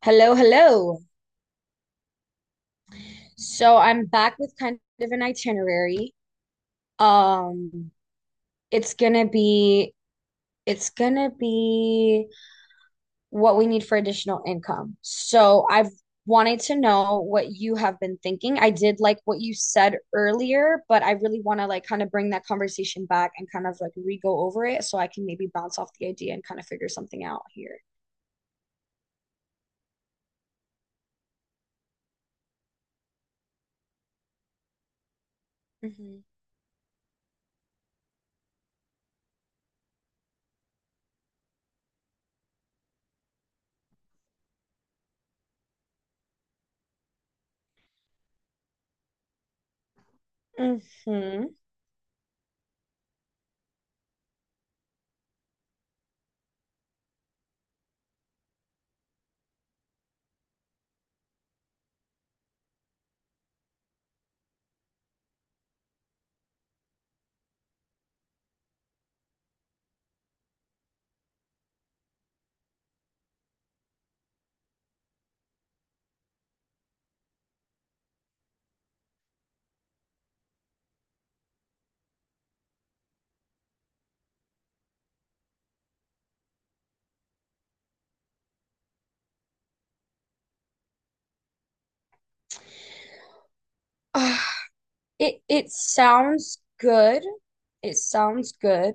Hello, hello. So I'm back with kind of an itinerary. Um, it's gonna be it's gonna be what we need for additional income. So I've wanted to know what you have been thinking. I did like what you said earlier, but I really want to like kind of bring that conversation back and kind of like re-go over it so I can maybe bounce off the idea and kind of figure something out here. Hmm. Mm-hmm. It sounds good. It sounds good.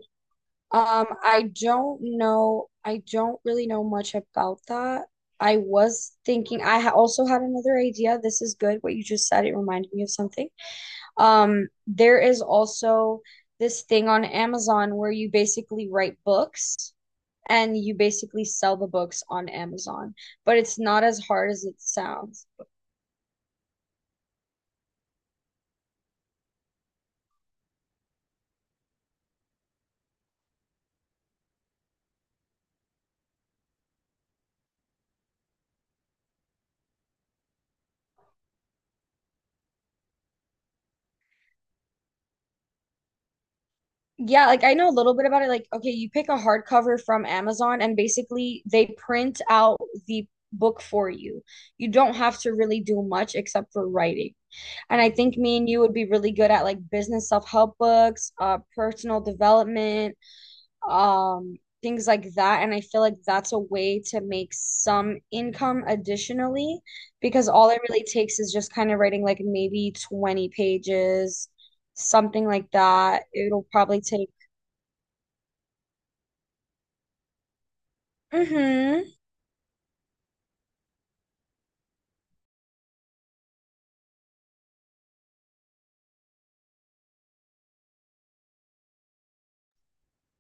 I don't know. I don't really know much about that. I was thinking, I ha also had another idea. This is good. What you just said, it reminded me of something. There is also this thing on Amazon where you basically write books and you basically sell the books on Amazon, but it's not as hard as it sounds. Yeah, like I know a little bit about it. Like, okay, you pick a hardcover from Amazon, and basically they print out the book for you. You don't have to really do much except for writing. And I think me and you would be really good at like business self-help books, personal development, um, things like that. And I feel like that's a way to make some income additionally, because all it really takes is just kind of writing like maybe 20 pages, something like that. It'll probably take Mm-hmm.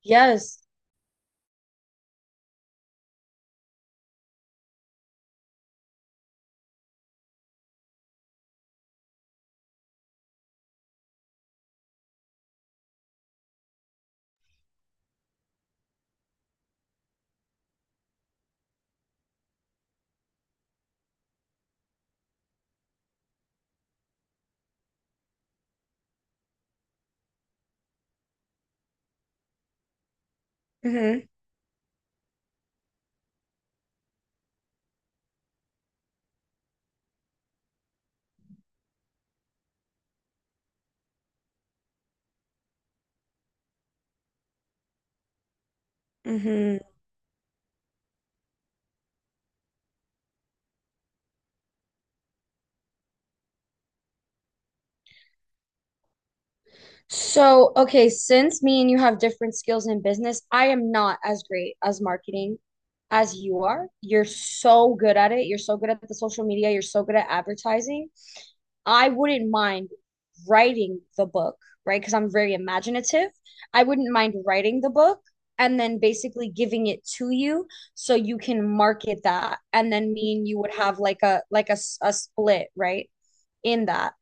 Yes. Mm-hmm. Mm-hmm. So, okay, since me and you have different skills in business, I am not as great as marketing as you are. You're so good at it. You're so good at the social media. You're so good at advertising. I wouldn't mind writing the book, right? Because I'm very imaginative. I wouldn't mind writing the book and then basically giving it to you so you can market that. And then me and you would have like a like a split, right? In that.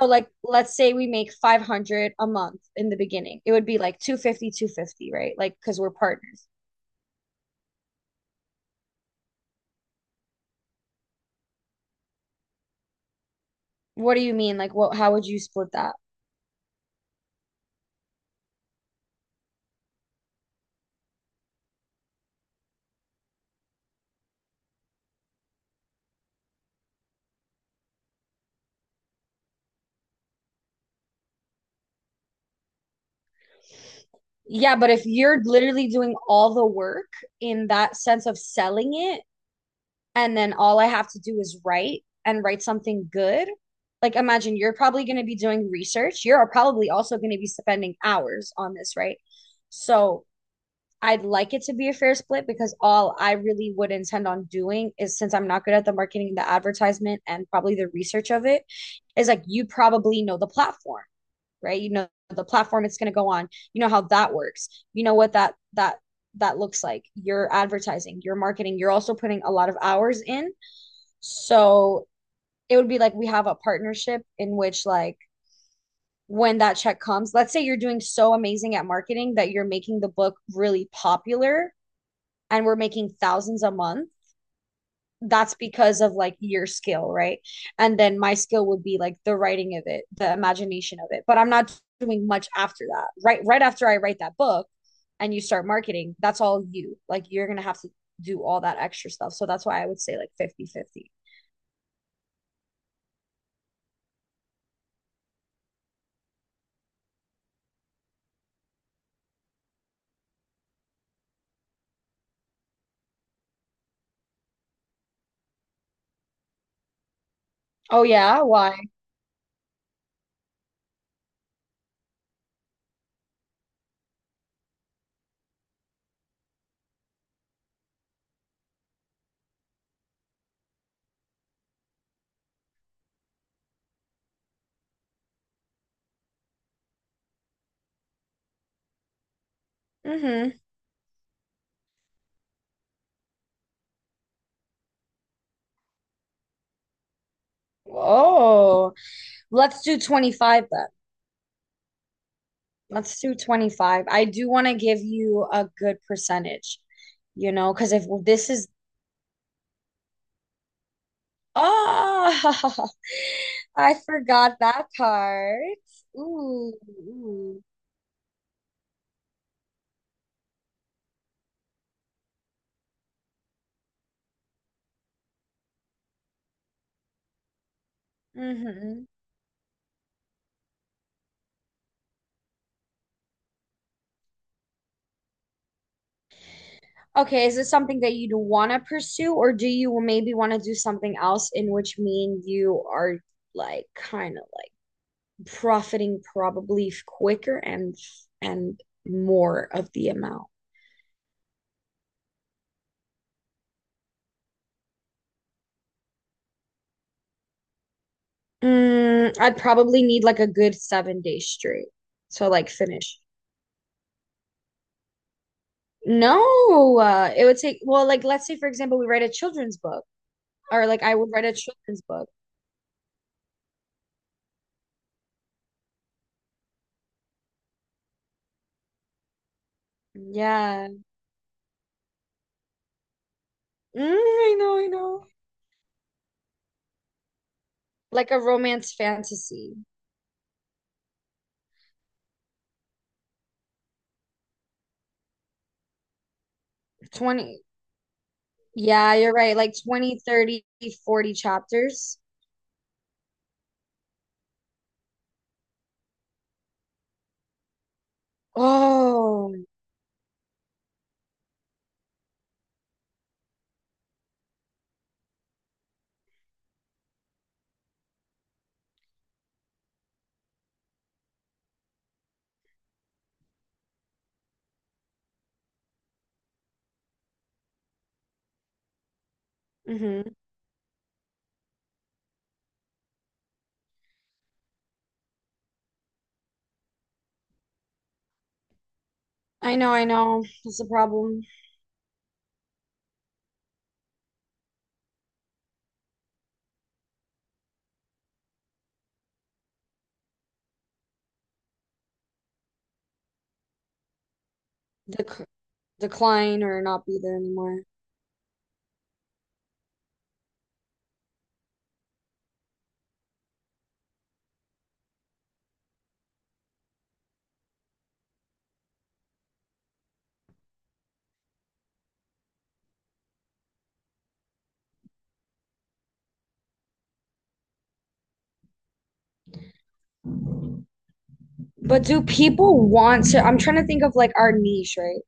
So like let's say we make 500 a month in the beginning. It would be like 250, 250, right? Like cuz we're partners. What do you mean? Like what how would you split that? Yeah, but if you're literally doing all the work in that sense of selling it and then all I have to do is write and write something good, like imagine you're probably going to be doing research. You're probably also going to be spending hours on this, right? So I'd like it to be a fair split because all I really would intend on doing is since I'm not good at the marketing, the advertisement, and probably the research of it, is like you probably know the platform, right? You know the platform it's going to go on. You know how that works. You know what that looks like. You're advertising, you're marketing, you're also putting a lot of hours in. So it would be like we have a partnership in which like when that check comes, let's say you're doing so amazing at marketing that you're making the book really popular and we're making thousands a month, that's because of like your skill, right? And then my skill would be like the writing of it, the imagination of it. But I'm not doing much after that. Right after I write that book and you start marketing, that's all you. Like you're going to have to do all that extra stuff. So that's why I would say like 50-50. Oh yeah, why? Mhm. Oh, let's do 25 then. Let's do 25. I do want to give you a good percentage, you know, because if this is Oh, I forgot that part. Ooh, ooh. Hmm. Okay, is this something that you'd want to pursue, or do you maybe want to do something else in which me and you are like kind of like profiting probably quicker and and more of the amount? Mm, I'd probably need like a good 7 days straight. So like finish. No, it would take, well, like let's say for example, we write a children's book. Or like I would write a children's book. Yeah. Mm, I know, I know. Like a romance fantasy. 20. Yeah, you're right. Like 20, 30, 40 chapters. Oh. Hmm. I know, I know. That's the problem. Dec decline or not be there anymore. But do people want to? I'm trying to think of like our niche, right?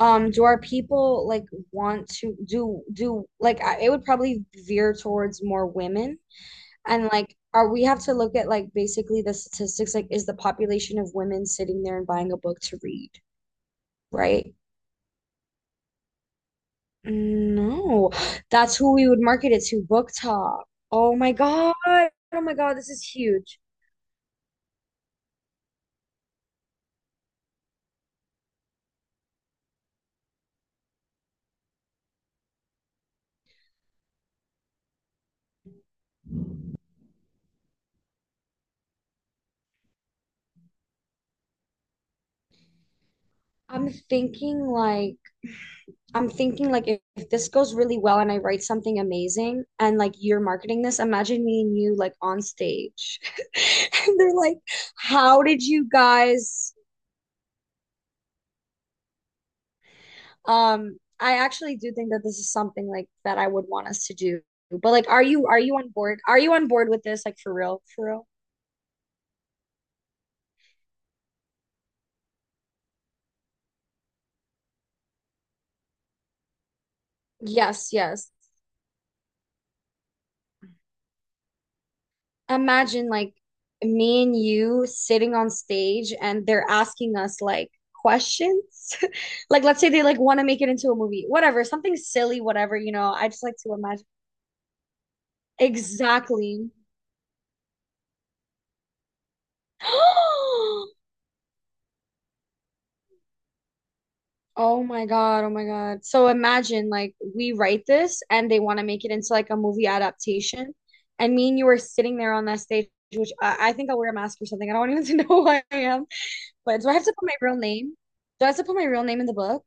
Do our people like want to do like I, it would probably veer towards more women. And like, are we have to look at like basically the statistics? Like, is the population of women sitting there and buying a book to read, right? No, that's who we would market it to, Book Talk. Oh my God. Oh my God, this is huge. I'm thinking like I'm thinking like if this goes really well and I write something amazing and like you're marketing this, imagine me and you like on stage. And they're like, "How did you guys I actually do think that this is something like that I would want us to do. But like, are you on board? Are you on board with this? Like for real, for real? Yes, yes. Imagine like me and you sitting on stage and they're asking us like questions. Like let's say they like want to make it into a movie, whatever, something silly, whatever, you know. I just like to imagine. Exactly. Oh my God, oh my God. So imagine like we write this and they want to make it into like a movie adaptation. And me and you are sitting there on that stage, which I think I'll wear a mask or something. I don't even to know who I am. But do I have to put my real name? Do I have to put my real name in the book?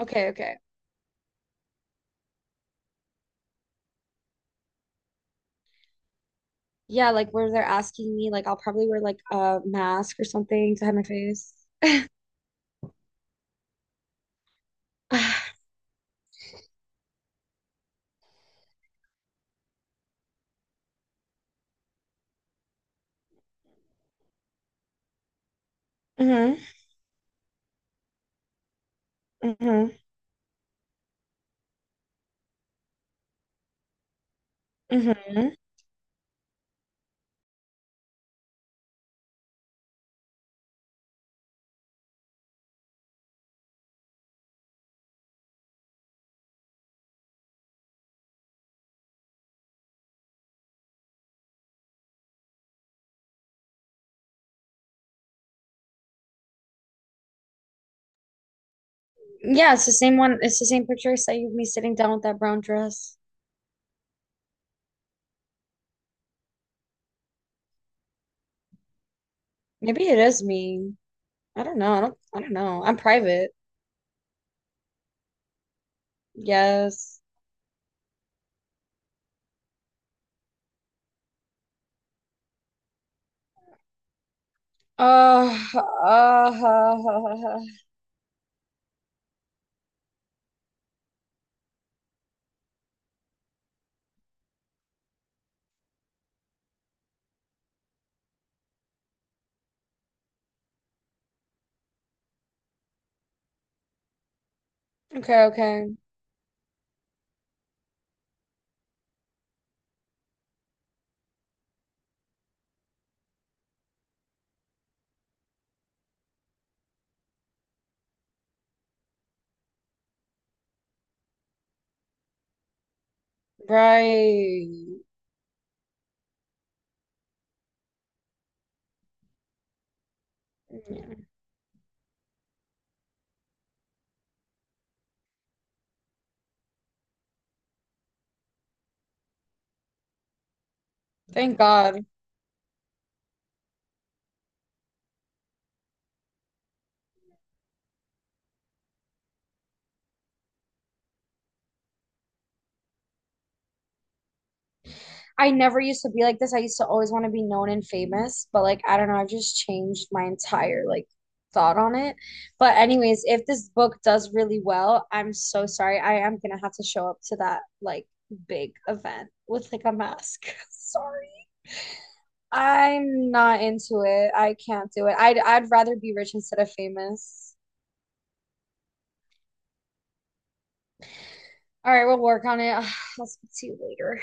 Okay, okay. Yeah, like where they're asking me, like I'll probably wear like a mask or something to hide my face. Hmm. Hmm. Hmm. Yeah, it's the same one. It's the same picture I sent you of me sitting down with that brown dress. Maybe it is me. I don't know. I don't know. I'm private. Yes. Uh, uh, okay, okay. Right. Yeah. Thank God. I never used to be like this. I used to always want to be known and famous, but like I don't know, I've just changed my entire like thought on it. But anyways, if this book does really well, I'm so sorry. I am gonna have to show up to that like big event with like a mask. Sorry. I'm not into it. I can't do it. I'd rather be rich instead of famous. All right, we'll work on it. I'll speak to you later.